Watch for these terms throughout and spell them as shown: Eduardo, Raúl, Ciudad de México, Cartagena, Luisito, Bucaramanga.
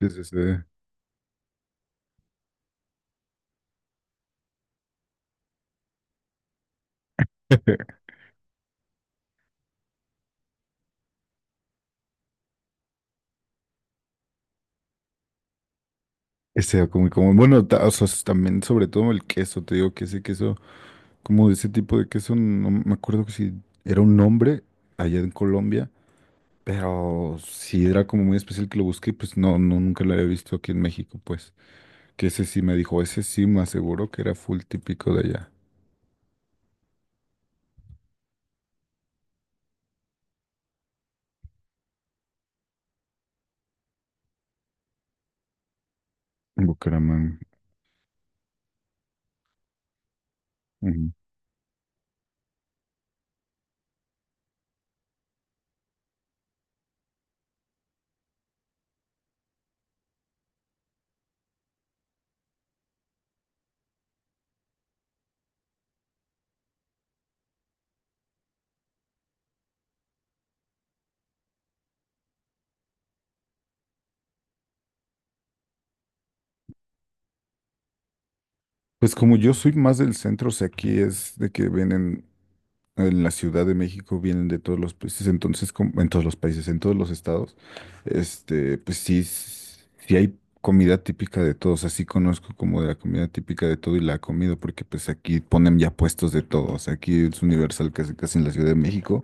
Sí, sí, sí. Este, bueno, también sobre todo el queso, te digo que ese queso, como de ese tipo de queso, no me acuerdo que si era un nombre allá en Colombia, pero sí era como muy especial que lo busqué, y pues no, no, nunca lo había visto aquí en México, pues, que ese sí me dijo, ese sí me aseguró que era full típico de allá, en Bucaramanga. Ujú. Pues como yo soy más del centro, o sea, aquí es de que vienen en la Ciudad de México, vienen de todos los países, entonces, como, en todos los países, en todos los estados. Este, pues sí, sí hay comida típica de todos, así conozco como de la comida típica de todo y la he comido porque pues aquí ponen ya puestos de todos, aquí es universal casi casi en la Ciudad de México,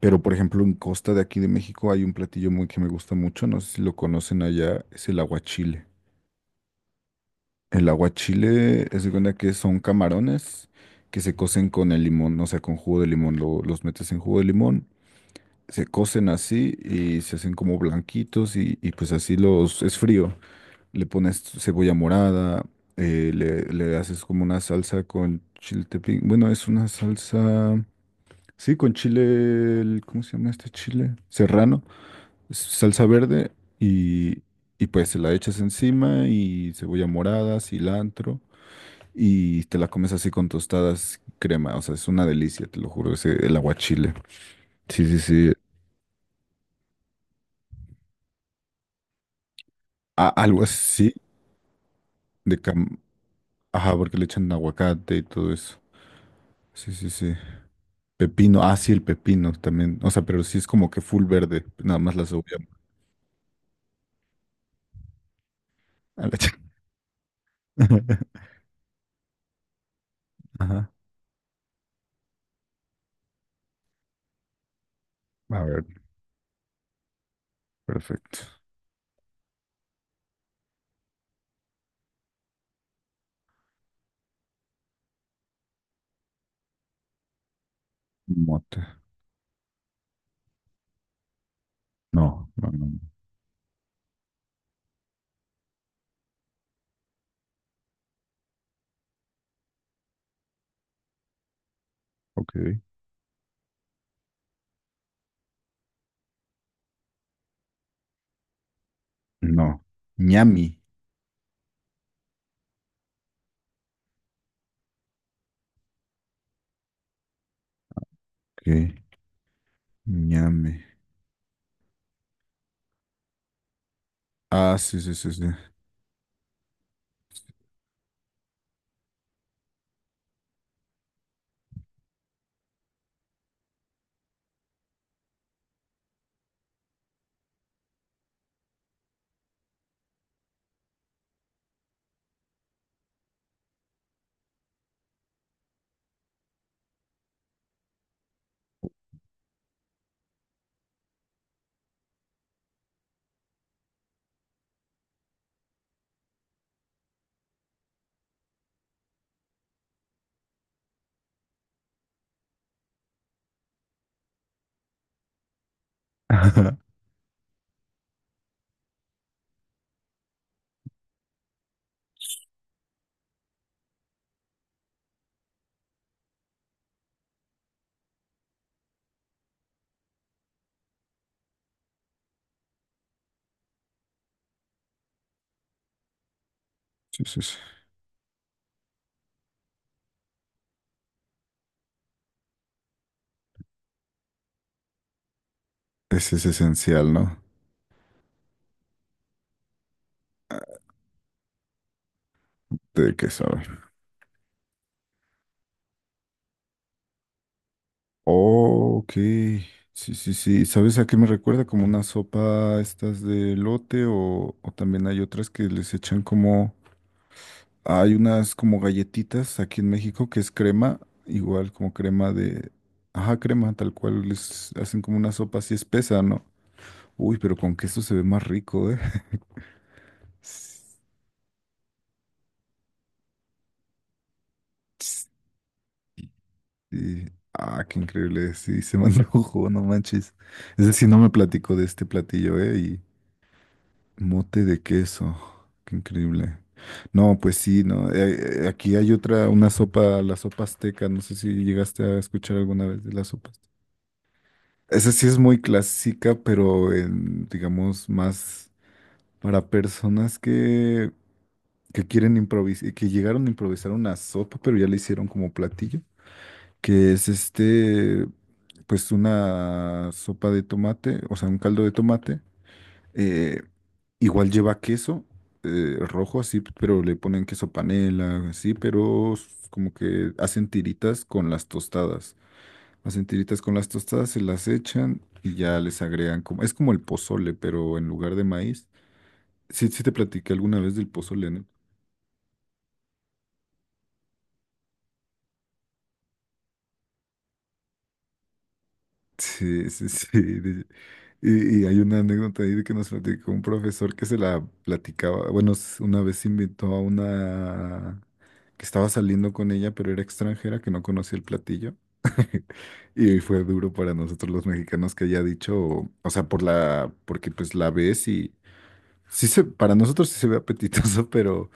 pero por ejemplo en Costa de aquí de México hay un platillo muy que me gusta mucho, no sé si lo conocen allá, es el aguachile. El aguachile es de cuenta que son camarones que se cocen con el limón, o sea, con jugo de limón, los metes en jugo de limón, se cocen así y se hacen como blanquitos y pues así los, es frío. Le pones cebolla morada, le haces como una salsa con chile tepín. Bueno, es una salsa, sí, con chile, ¿cómo se llama este chile? Serrano, es salsa verde y, y pues se la echas encima y cebolla morada, cilantro y te la comes así con tostadas y crema. O sea, es una delicia, te lo juro, ese, el aguachile. Sí, sí, sí. Algo así. de cam... Ajá, porque le echan aguacate y todo eso. Sí, sí, sí. Pepino, ah, sí, el pepino también. O sea, pero sí es como que full verde, nada más la cebolla. A la ch- Ajá. A ver, perfecto. Mote. No, no, no, no. Ok. No. Ñami. Ok. Ñame. Ah, sí, sí, sí, sí. Ajá. Sí, sí, sí. Ese es esencial, ¿no? Ah, tiene que saber. Oh, ok. Sí, sí, sí. ¿Sabes a qué me recuerda? Como una sopa estas de lote o también hay otras que les echan como hay unas como galletitas aquí en México que es crema, igual como crema de... Ajá, crema, tal cual les hacen como una sopa así espesa, ¿no? Uy, pero con queso se ve más rico, ¿eh? Sí. Ah, qué increíble. Sí, se me antojó, no manches. Es decir, no me platicó de este platillo, ¿eh? Y mote de queso. Qué increíble. No, pues sí, no. Aquí hay otra, una sopa, la sopa azteca. No sé si llegaste a escuchar alguna vez de la sopa. Esa sí es muy clásica, pero en, digamos más para personas que, quieren improvisar, que llegaron a improvisar una sopa, pero ya la hicieron como platillo, que es este, pues una sopa de tomate, o sea, un caldo de tomate. eh, Igual lleva queso, rojo así, pero le ponen queso panela, así, pero como que hacen tiritas con las tostadas. Las entiritas con las tostadas se las echan y ya les agregan como, es como el pozole, pero en lugar de maíz. Sí, sí te platiqué alguna vez del pozole, ¿no? Sí, sí, sí. Y hay una anécdota ahí de que nos platicó un profesor que se la platicaba. Bueno, una vez invitó a una que estaba saliendo con ella, pero era extranjera, que no conocía el platillo. Y fue duro para nosotros los mexicanos que haya dicho, o sea, porque pues la ves y Sí, para nosotros sí se ve apetitoso, pero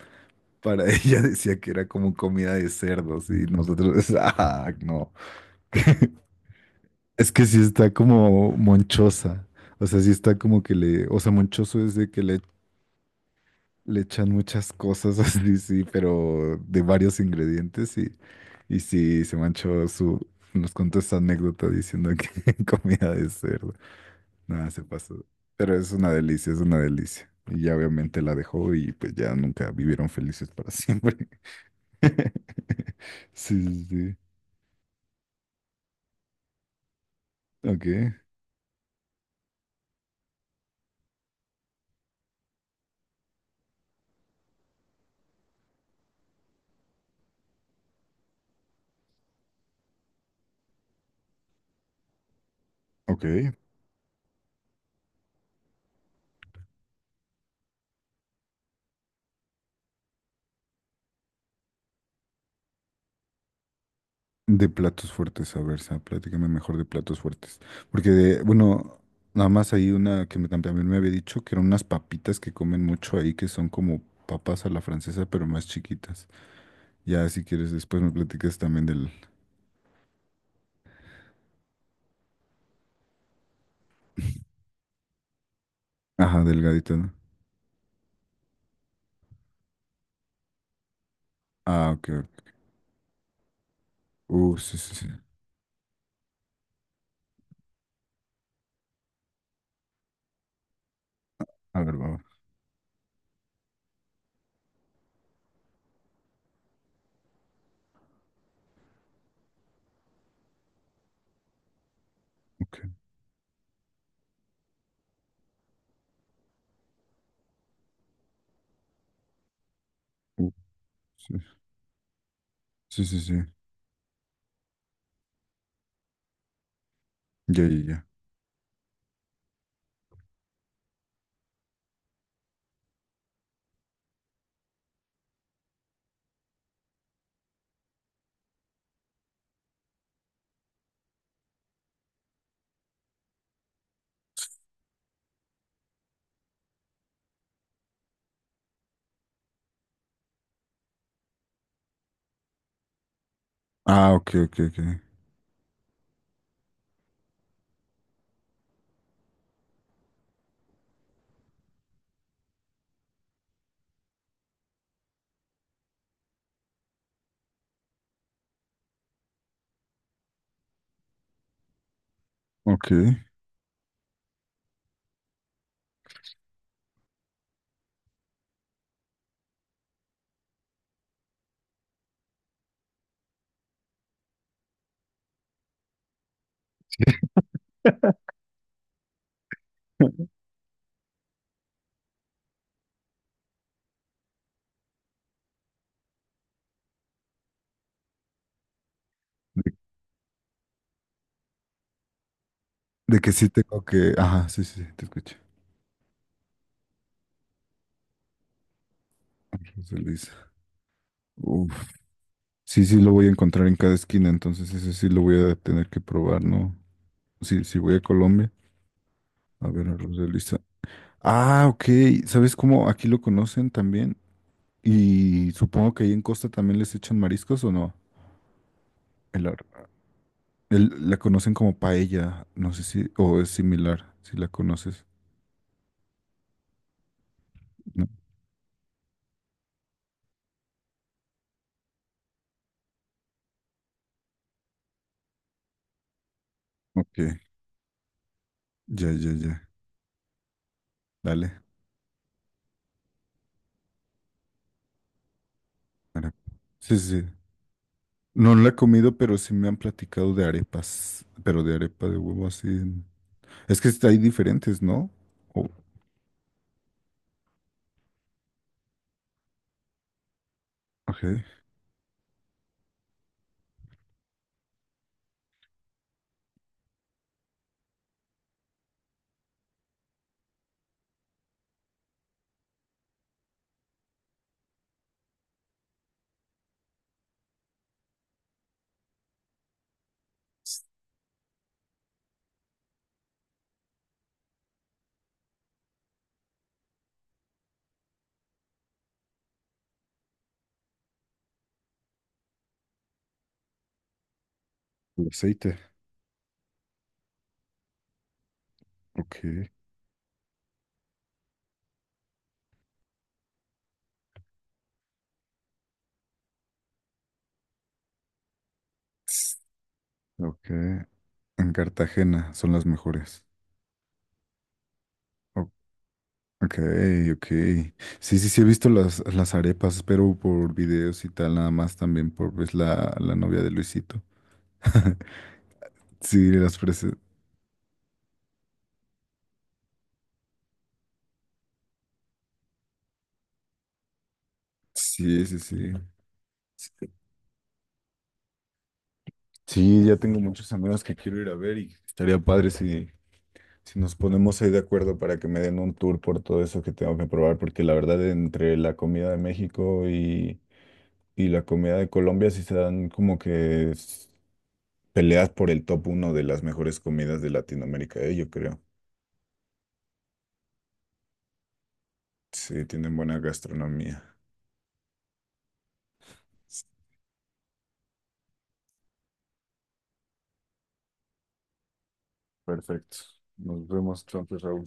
para ella decía que era como comida de cerdos y nosotros, ah, no. Es que sí está como monchosa, o sea, sí está como que le, o sea, monchoso es de que le, echan muchas cosas así, sí, pero de varios ingredientes y sí, nos contó esta anécdota diciendo que comida de cerdo. Nada, se pasó. Pero es una delicia, es una delicia. Y ya obviamente la dejó y pues ya nunca vivieron felices para siempre. Sí, sí, sí. Ok, ok. De platos fuertes, a ver, Sa, platícame mejor de platos fuertes. Porque, bueno, nada más hay una que me, también me había dicho que eran unas papitas que comen mucho ahí, que son como papas a la francesa, pero más chiquitas. Ya, si quieres, después me platicas también del... Ajá, delgadito, ¿no? Ah, ok, ok. Sí, sí, sí. A ver, va, va. Ok. Uh, Sí, sí, sí, sí. Ya, ya, ya. Ah, ok, ok, ok. Ok. De, de que sí tengo que. Ajá, sí, sí, sí, te escucho. José Luis. Uf. Sí, sí, lo voy a encontrar en cada esquina, entonces ese sí lo voy a tener que probar, ¿no? Sí, sí, voy a Colombia. A ver, a José Luis. Ah, ok. ¿Sabes cómo aquí lo conocen también? Y supongo que ahí en Costa también les echan mariscos o no. El, ar- la conocen como paella, no sé si, o es similar, si la conoces. No. Ok. Ya, ya, ya. Dale. Arepa. Sí, sí, sí. No la he comido, pero sí me han platicado de arepas. Pero de arepa de huevo así. Es que hay diferentes, ¿no? Oh, ok. El aceite. Ok. Tss. Ok. En Cartagena son las mejores. O- Ok, ok. Sí, sí, sí, he visto las arepas, pero por videos y tal, nada más también por pues, la novia de Luisito. Sí, las presento. Sí, sí, sí. Sí, ya tengo muchos amigos que quiero ir a ver y estaría padre si, si nos ponemos ahí de acuerdo para que me den un tour por todo eso que tengo que probar, porque la verdad entre la comida de México y la comida de Colombia sí se dan como que peleas por el top uno de las mejores comidas de Latinoamérica, yo creo. Sí, tienen buena gastronomía. Perfecto. Nos vemos entonces, Raúl.